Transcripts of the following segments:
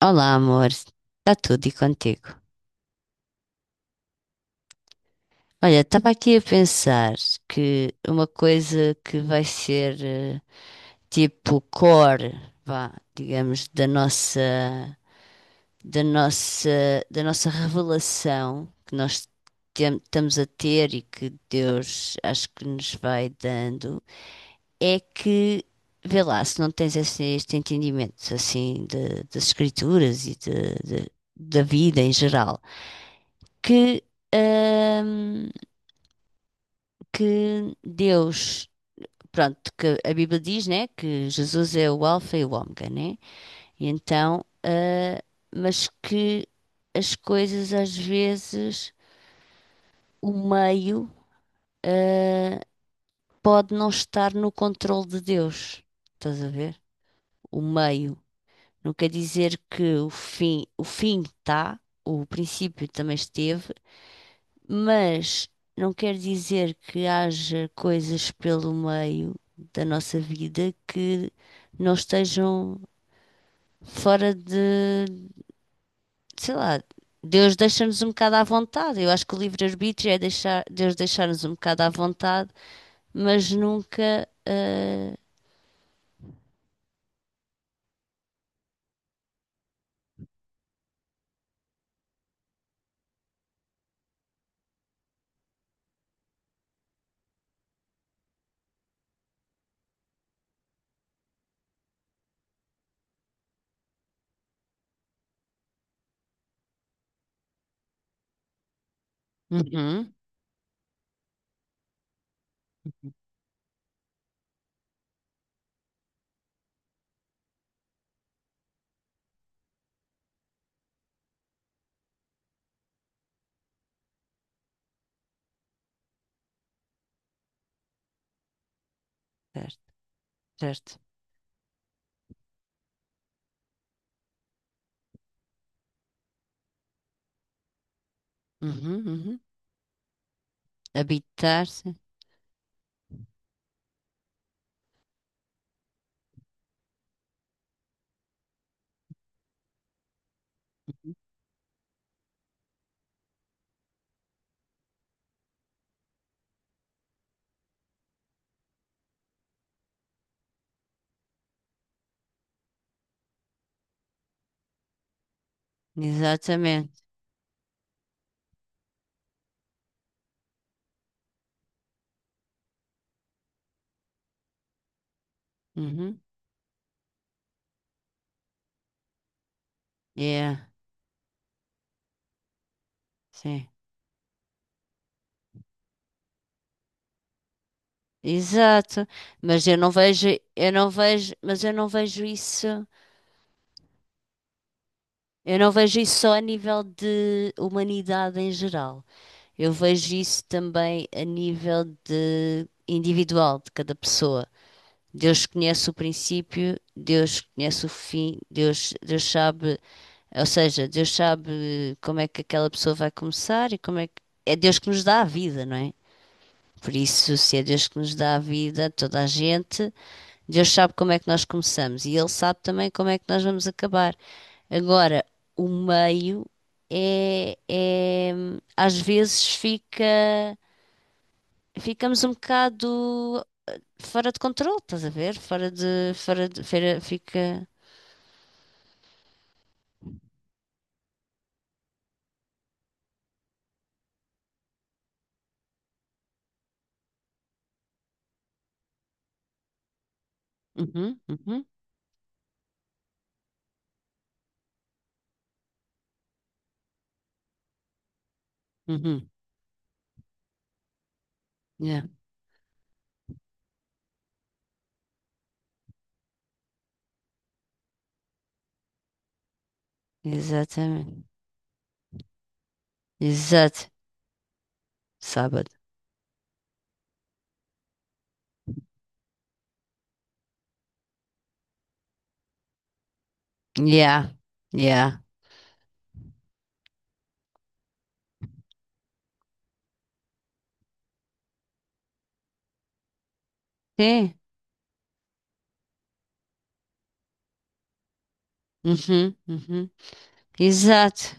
Olá, amor. Está tudo e contigo? Olha, estava aqui a pensar que uma coisa que vai ser tipo core, vá, digamos, da nossa, da nossa revelação que nós estamos a ter e que Deus acho que nos vai dando, é que, vê lá, se não tens esse, este entendimento assim das escrituras e de- da vida em geral, que, ahm, que Deus, pronto, que a Bíblia diz, né, que Jesus é o Alfa e o Ômega, né? E então, mas que as coisas às vezes, o meio, ah, pode não estar no controle de Deus. Estás a ver? O meio. Não quer dizer que o fim está, o princípio também esteve, mas não quer dizer que haja coisas pelo meio da nossa vida que não estejam fora de, sei lá. Deus deixa-nos um bocado à vontade. Eu acho que o livre-arbítrio é deixar, Deus deixar-nos um bocado à vontade, mas nunca. Uhum. Certo, certo. Uhum, uhum. Habitar-se. Uhum. Exatamente. Uhum. Yeah, sim. Exato, mas eu não vejo, mas eu não vejo isso só a nível de humanidade em geral. Eu vejo isso também a nível de individual de cada pessoa. Deus conhece o princípio, Deus conhece o fim, Deus sabe, ou seja, Deus sabe como é que aquela pessoa vai começar e como é que é Deus que nos dá a vida, não é? Por isso, se é Deus que nos dá a vida, a toda a gente. Deus sabe como é que nós começamos e Ele sabe também como é que nós vamos acabar. Agora, o meio é, é- às vezes fica, ficamos um bocado fora de controle, estás a ver? Fica. Uhum, uhum, uhum. Yeah. Exatamente. Exato. Sábado. Yeah, yeah. Sim. Uhum, uhum. Exato.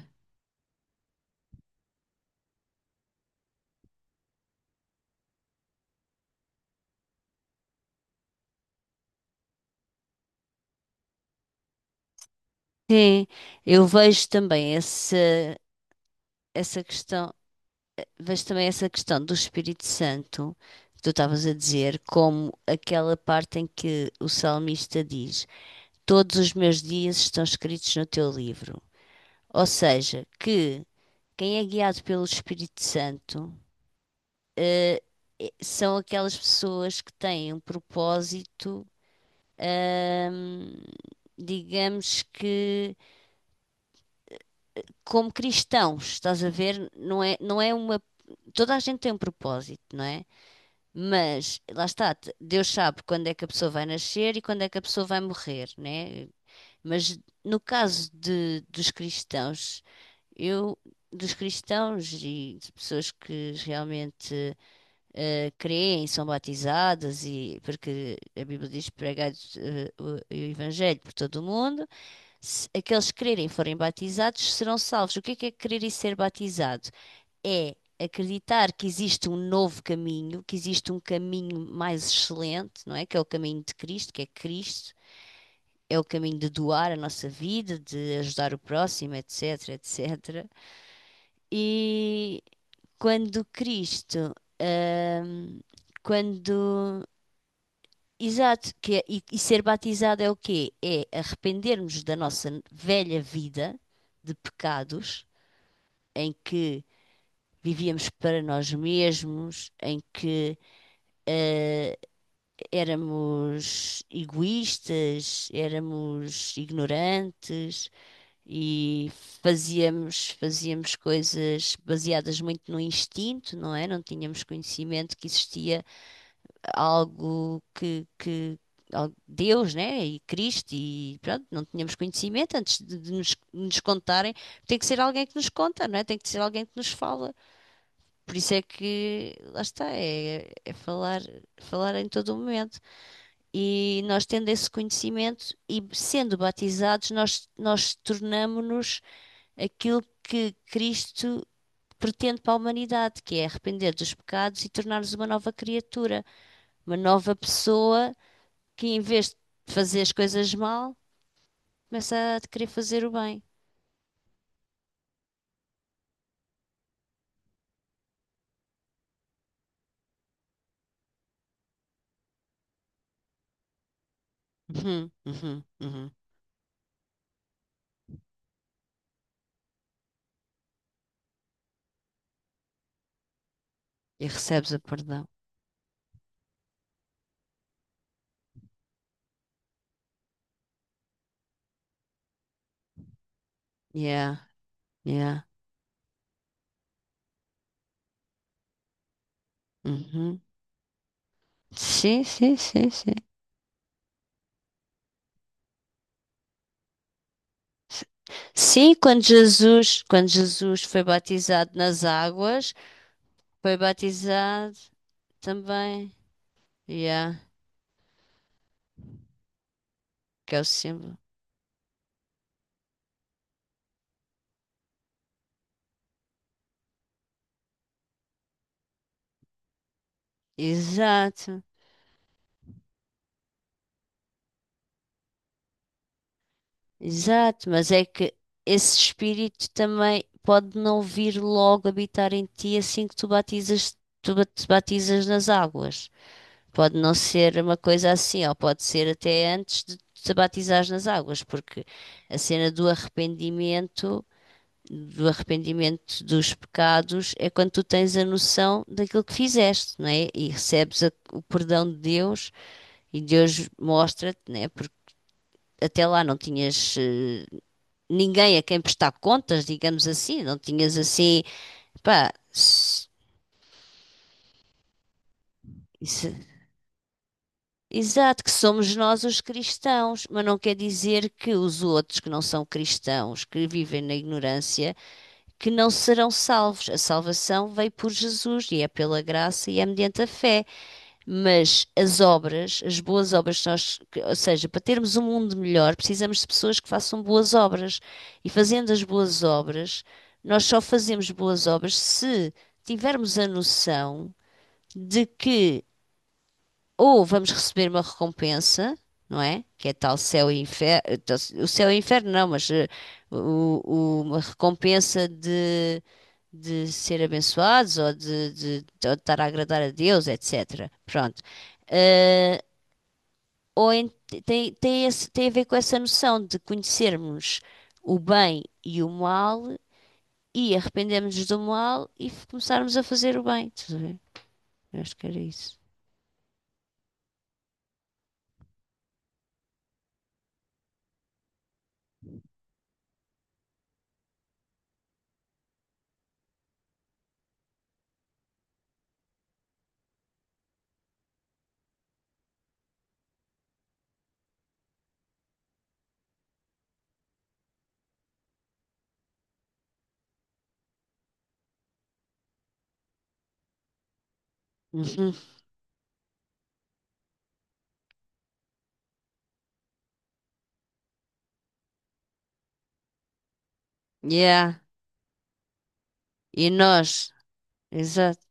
Sim, eu vejo também essa questão mas também essa questão do Espírito Santo, que tu estavas a dizer, como aquela parte em que o salmista diz: Todos os meus dias estão escritos no teu livro. Ou seja, que quem é guiado pelo Espírito Santo, eh, são aquelas pessoas que têm um propósito, ahm, digamos que como cristãos, estás a ver? Não é uma. Toda a gente tem um propósito, não é? Mas, lá está, Deus sabe quando é que a pessoa vai nascer e quando é que a pessoa vai morrer, né? Mas no caso de, dos cristãos, eu, dos cristãos e de pessoas que realmente creem, são batizadas, e porque a Bíblia diz pregar o, o Evangelho por todo o mundo, se aqueles que crerem e forem batizados serão salvos. O que é crer e ser batizado? É acreditar que existe um novo caminho, que existe um caminho mais excelente, não é? Que é o caminho de Cristo, que é Cristo, é o caminho de doar a nossa vida, de ajudar o próximo, etc, etc. E quando Cristo, hum, quando. Exato, e ser batizado é o quê? É arrependermos da nossa velha vida de pecados, em que vivíamos para nós mesmos, em que hum, éramos egoístas, éramos ignorantes e fazíamos coisas baseadas muito no instinto, não é? Não tínhamos conhecimento que existia algo que Deus, né? E Cristo, e pronto, não tínhamos conhecimento antes de nos contarem. Tem que ser alguém que nos conta, não é? Tem que ser alguém que nos fala. Por isso é que, lá está, falar, falar em todo o momento. E nós tendo esse conhecimento e sendo batizados, nós tornamo-nos aquilo que Cristo pretende para a humanidade, que é arrepender dos pecados e tornar-nos uma nova criatura, uma nova pessoa que, em vez de fazer as coisas mal, começa a querer fazer o bem. Uhum, uhum, uhum. E recebes o perdão. Yeah, yeah. Uhum. Sim, sim, sim, sim. Sim, quando Jesus foi batizado nas águas, foi batizado também. Yeah, que é o símbolo. Exato, exato, mas é que esse espírito também pode não vir logo habitar em ti assim que tu batizas, te batizas nas águas. Pode não ser uma coisa assim, ou pode ser até antes de te batizares nas águas, porque a cena do arrependimento dos pecados é quando tu tens a noção daquilo que fizeste, não é? E recebes o perdão de Deus e Deus mostra-te, não é? Porque até lá não tinhas ninguém a quem prestar contas, digamos assim, não tinhas assim, pá, isso- exato, que somos nós os cristãos, mas não quer dizer que os outros que não são cristãos, que vivem na ignorância, que não serão salvos. A salvação veio por Jesus e é pela graça e é mediante a fé. Mas as obras, as boas obras, que nós, ou seja, para termos um mundo melhor, precisamos de pessoas que façam boas obras. E fazendo as boas obras, nós só fazemos boas obras se tivermos a noção de que ou vamos receber uma recompensa, não é? Que é tal céu e inferno, o céu e inferno não, mas o- uma recompensa de ser abençoados ou de estar a agradar a Deus, etc. Pronto. Ah, ou en- tem a ver com essa noção de conhecermos o bem e o mal e arrependermos do mal e começarmos a fazer o bem. Estás a ver? Eu acho que era isso. Uhum. Yeah. E nós, exato.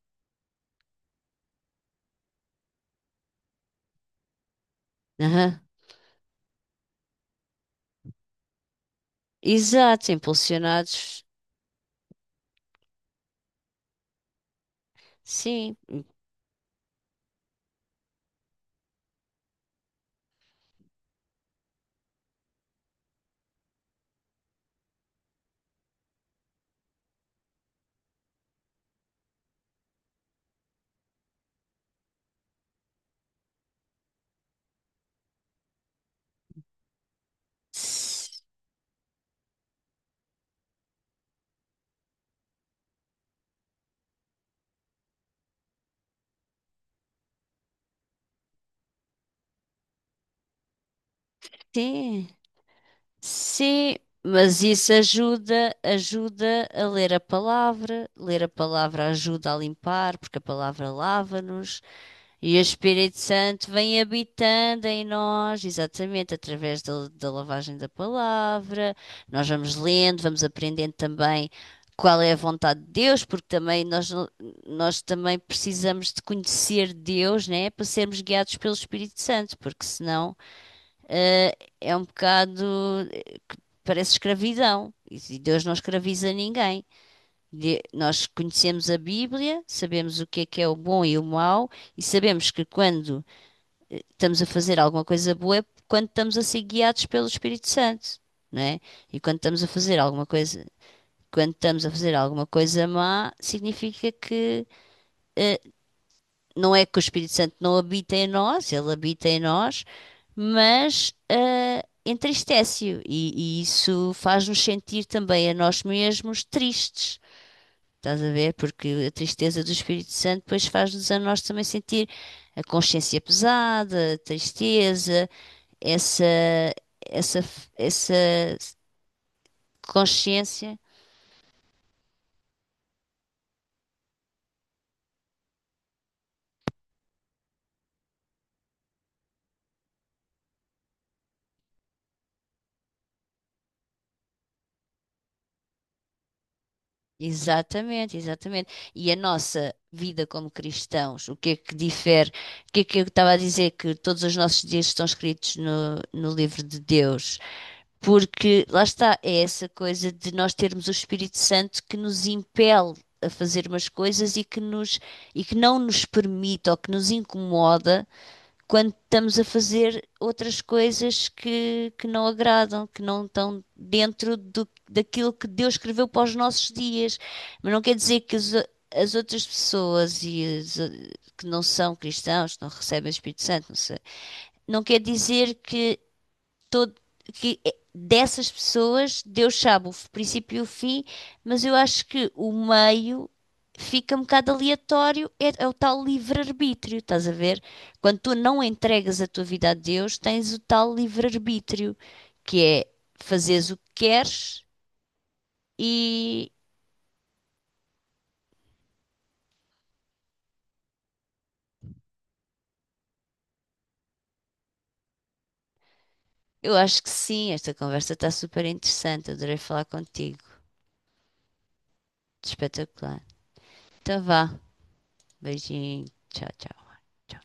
Aham. Exato, impulsionados. Sim. Sim. Sim. Mas isso ajuda, ajuda a ler a palavra ajuda a limpar, porque a palavra lava-nos. E o Espírito Santo vem habitando em nós, exatamente, através da lavagem da palavra. Nós vamos lendo, vamos aprendendo também qual é a vontade de Deus, porque também nós também precisamos de conhecer Deus, né, para sermos guiados pelo Espírito Santo, porque senão, eh, é um bocado, parece escravidão, e Deus não escraviza ninguém. Nós conhecemos a Bíblia, sabemos o que é o bom e o mau, e sabemos que quando estamos a fazer alguma coisa boa é quando estamos a ser guiados pelo Espírito Santo, não é? E quando estamos a fazer alguma coisa, má, significa que eh, não é que o Espírito Santo não habita em nós, ele habita em nós, mas entristece-o e isso faz-nos sentir também a nós mesmos tristes. Estás a ver? Porque a tristeza do Espírito Santo depois faz-nos a nós também sentir a consciência pesada, a tristeza, essa, essa, essa consciência. Exatamente, exatamente. E a nossa vida como cristãos, o que é que difere? O que é que eu estava a dizer? Que todos os nossos dias estão escritos no livro de Deus. Porque lá está, é essa coisa de nós termos o Espírito Santo que nos impele a fazer umas coisas e e que não nos permite ou que nos incomoda quando estamos a fazer outras coisas que não agradam, que não estão dentro daquilo que Deus escreveu para os nossos dias. Mas não quer dizer que as outras pessoas e que não são cristãos, que não recebem o Espírito Santo, não sei, não quer dizer que todo, dessas pessoas Deus sabe princípio e o fim, mas eu acho que o meio fica um bocado aleatório, é o tal livre-arbítrio, estás a ver? Quando tu não entregas a tua vida a Deus, tens o tal livre-arbítrio, que é fazeres o que queres. E eu acho que sim, esta conversa está super interessante, adorei falar contigo, espetacular. Então vá, beijinho, tchau, tchau. Tchau.